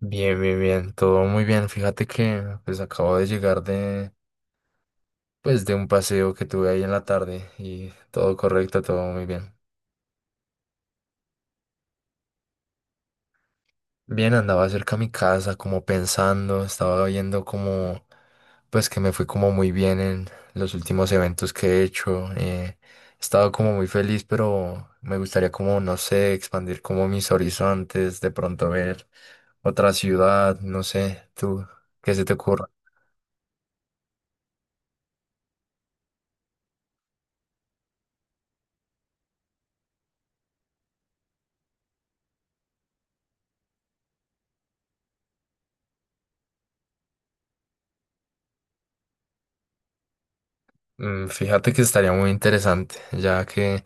Bien, bien, bien, todo muy bien. Fíjate que pues acabo de llegar de un paseo que tuve ahí en la tarde y todo correcto, todo muy bien. Bien, andaba cerca a mi casa como pensando, estaba viendo como pues que me fue como muy bien en los últimos eventos que he hecho. He estado como muy feliz, pero me gustaría como, no sé, expandir como mis horizontes, de pronto ver otra ciudad, no sé, tú, ¿qué se te ocurre? Fíjate que estaría muy interesante, ya que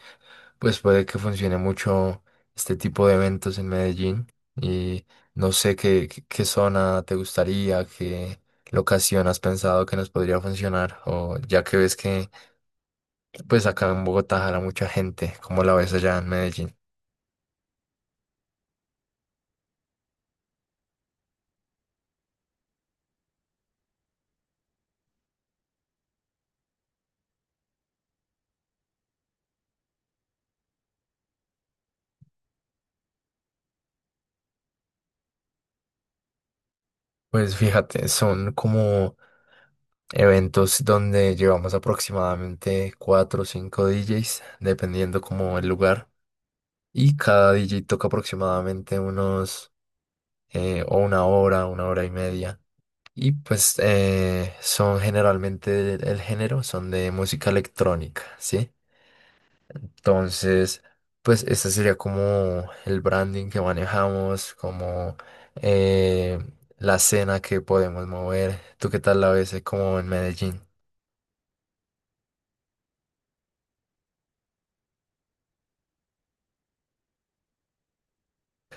pues puede que funcione mucho este tipo de eventos en Medellín. Y no sé qué, qué zona te gustaría, qué locación has pensado que nos podría funcionar, o ya que ves que pues acá en Bogotá jala mucha gente, ¿como la ves allá en Medellín? Pues fíjate, son como eventos donde llevamos aproximadamente cuatro o cinco DJs, dependiendo como el lugar. Y cada DJ toca aproximadamente unos, o una hora y media. Y pues son generalmente el género, son de música electrónica, ¿sí? Entonces, pues este sería como el branding que manejamos, como eh, la escena que podemos mover. ¿Tú qué tal la ves, como en Medellín?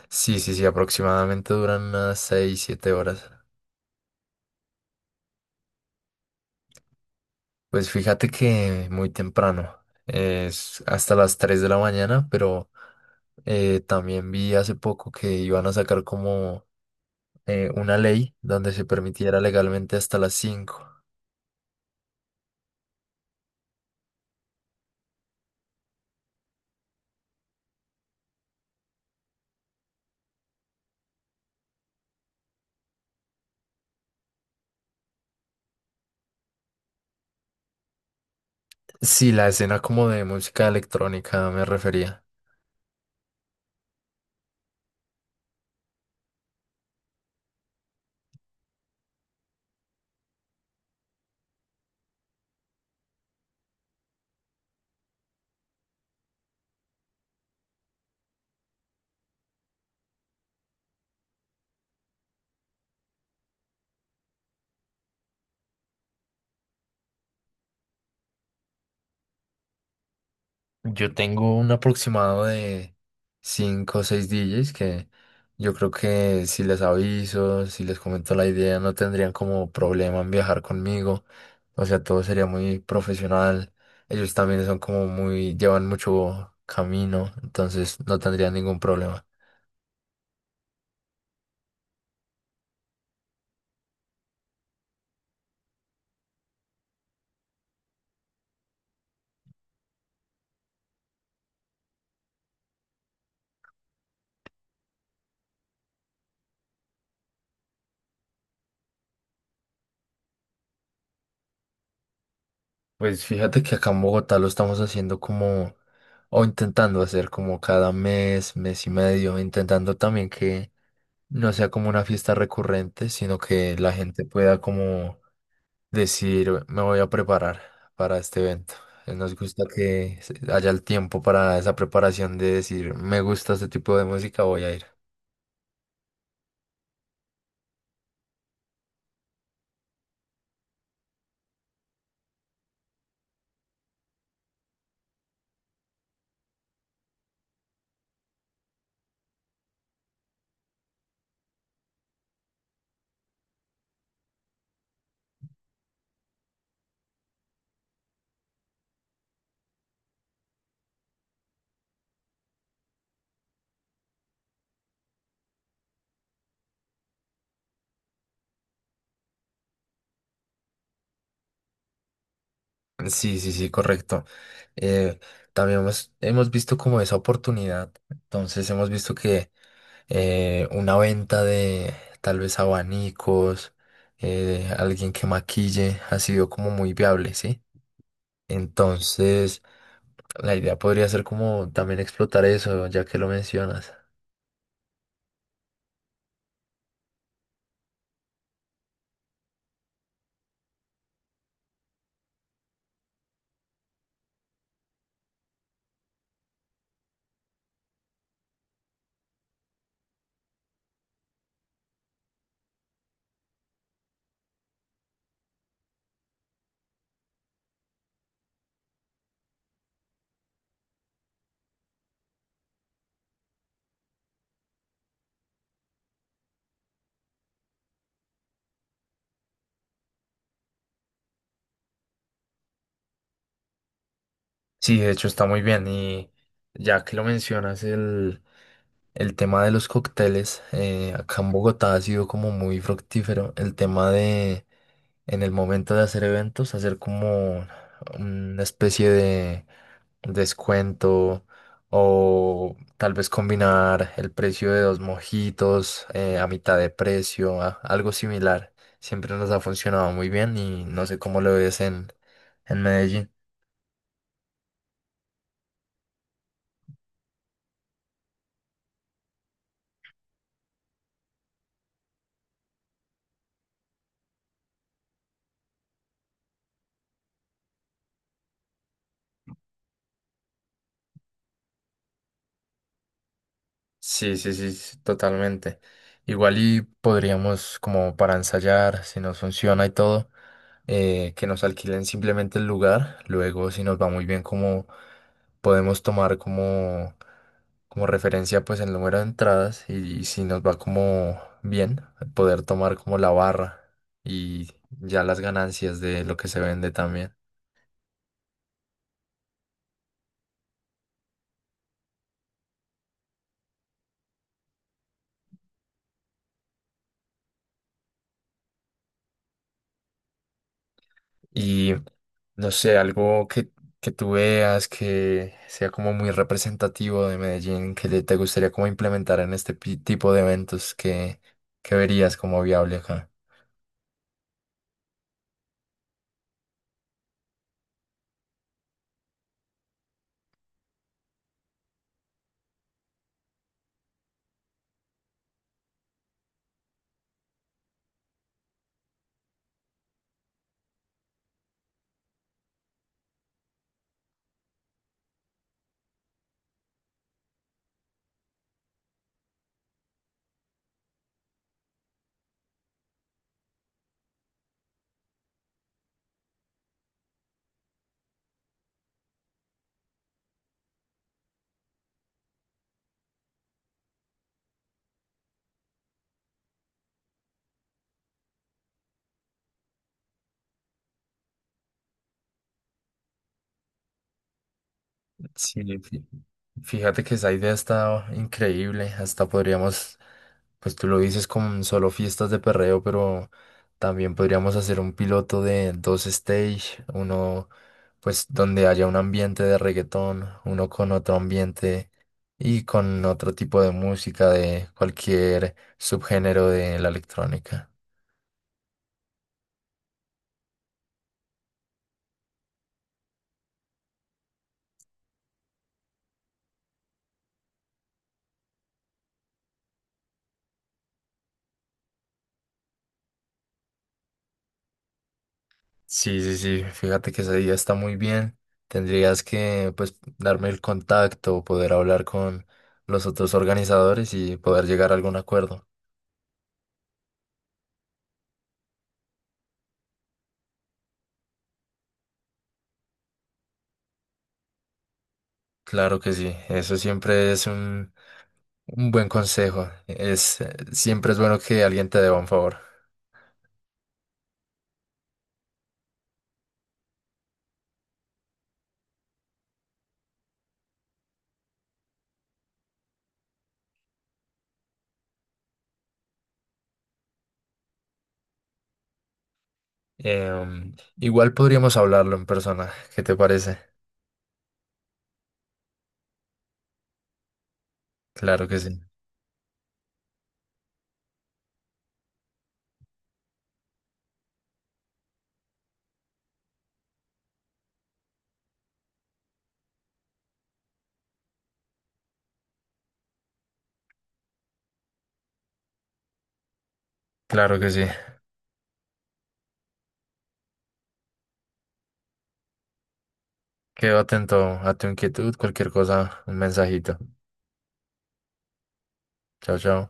Sí, sí, sí, aproximadamente duran unas 6 7 horas. Pues fíjate que muy temprano, es hasta las 3 de la mañana, pero también vi hace poco que iban a sacar como una ley donde se permitiera legalmente hasta las 5. Sí, la escena como de música electrónica me refería. Yo tengo un aproximado de 5 o 6 DJs que yo creo que si les aviso, si les comento la idea, no tendrían como problema en viajar conmigo. O sea, todo sería muy profesional. Ellos también son como muy, llevan mucho camino, entonces no tendrían ningún problema. Pues fíjate que acá en Bogotá lo estamos haciendo como, o intentando hacer como cada mes, mes y medio, intentando también que no sea como una fiesta recurrente, sino que la gente pueda como decir, me voy a preparar para este evento. Nos gusta que haya el tiempo para esa preparación de decir, me gusta este tipo de música, voy a ir. Sí, sí, sí, correcto. Eh, También hemos visto como esa oportunidad. Entonces hemos visto que una venta de tal vez abanicos, alguien que maquille, ha sido como muy viable, ¿sí? Entonces, la idea podría ser como también explotar eso, ya que lo mencionas. Sí, de hecho está muy bien y ya que lo mencionas, el... El tema de los cócteles, acá en Bogotá ha sido como muy fructífero. El tema de, en el momento de hacer eventos, hacer como una especie de descuento o tal vez combinar el precio de dos mojitos a mitad de precio, algo similar. Siempre nos ha funcionado muy bien y no sé cómo lo ves en, Medellín. Sí, sí, sí, sí, totalmente. Igual y podríamos, como para ensayar, si nos funciona y todo, que nos alquilen simplemente el lugar. Luego, si nos va muy bien, como podemos tomar como referencia, pues el número de entradas y si nos va como bien, poder tomar como la barra y ya las ganancias de lo que se vende también. No sé, algo que tú veas que sea como muy representativo de Medellín, que te gustaría como implementar en este tipo de eventos que verías como viable acá. Sí. Sí. Fíjate que esa idea está increíble. Hasta podríamos, pues tú lo dices con solo fiestas de perreo, pero también podríamos hacer un piloto de dos stage, uno pues donde haya un ambiente de reggaetón, uno con otro ambiente y con otro tipo de música de cualquier subgénero de la electrónica. Sí, sí, sí, fíjate que esa idea está muy bien. Tendrías que, pues, darme el contacto, poder hablar con los otros organizadores y poder llegar a algún acuerdo. Claro que sí, eso siempre es un buen consejo. Es, siempre es bueno que alguien te deba un favor. Igual podríamos hablarlo en persona, ¿qué te parece? Claro que sí, claro que sí. Quedo atento a tu inquietud, cualquier cosa, un mensajito. Chao, chao.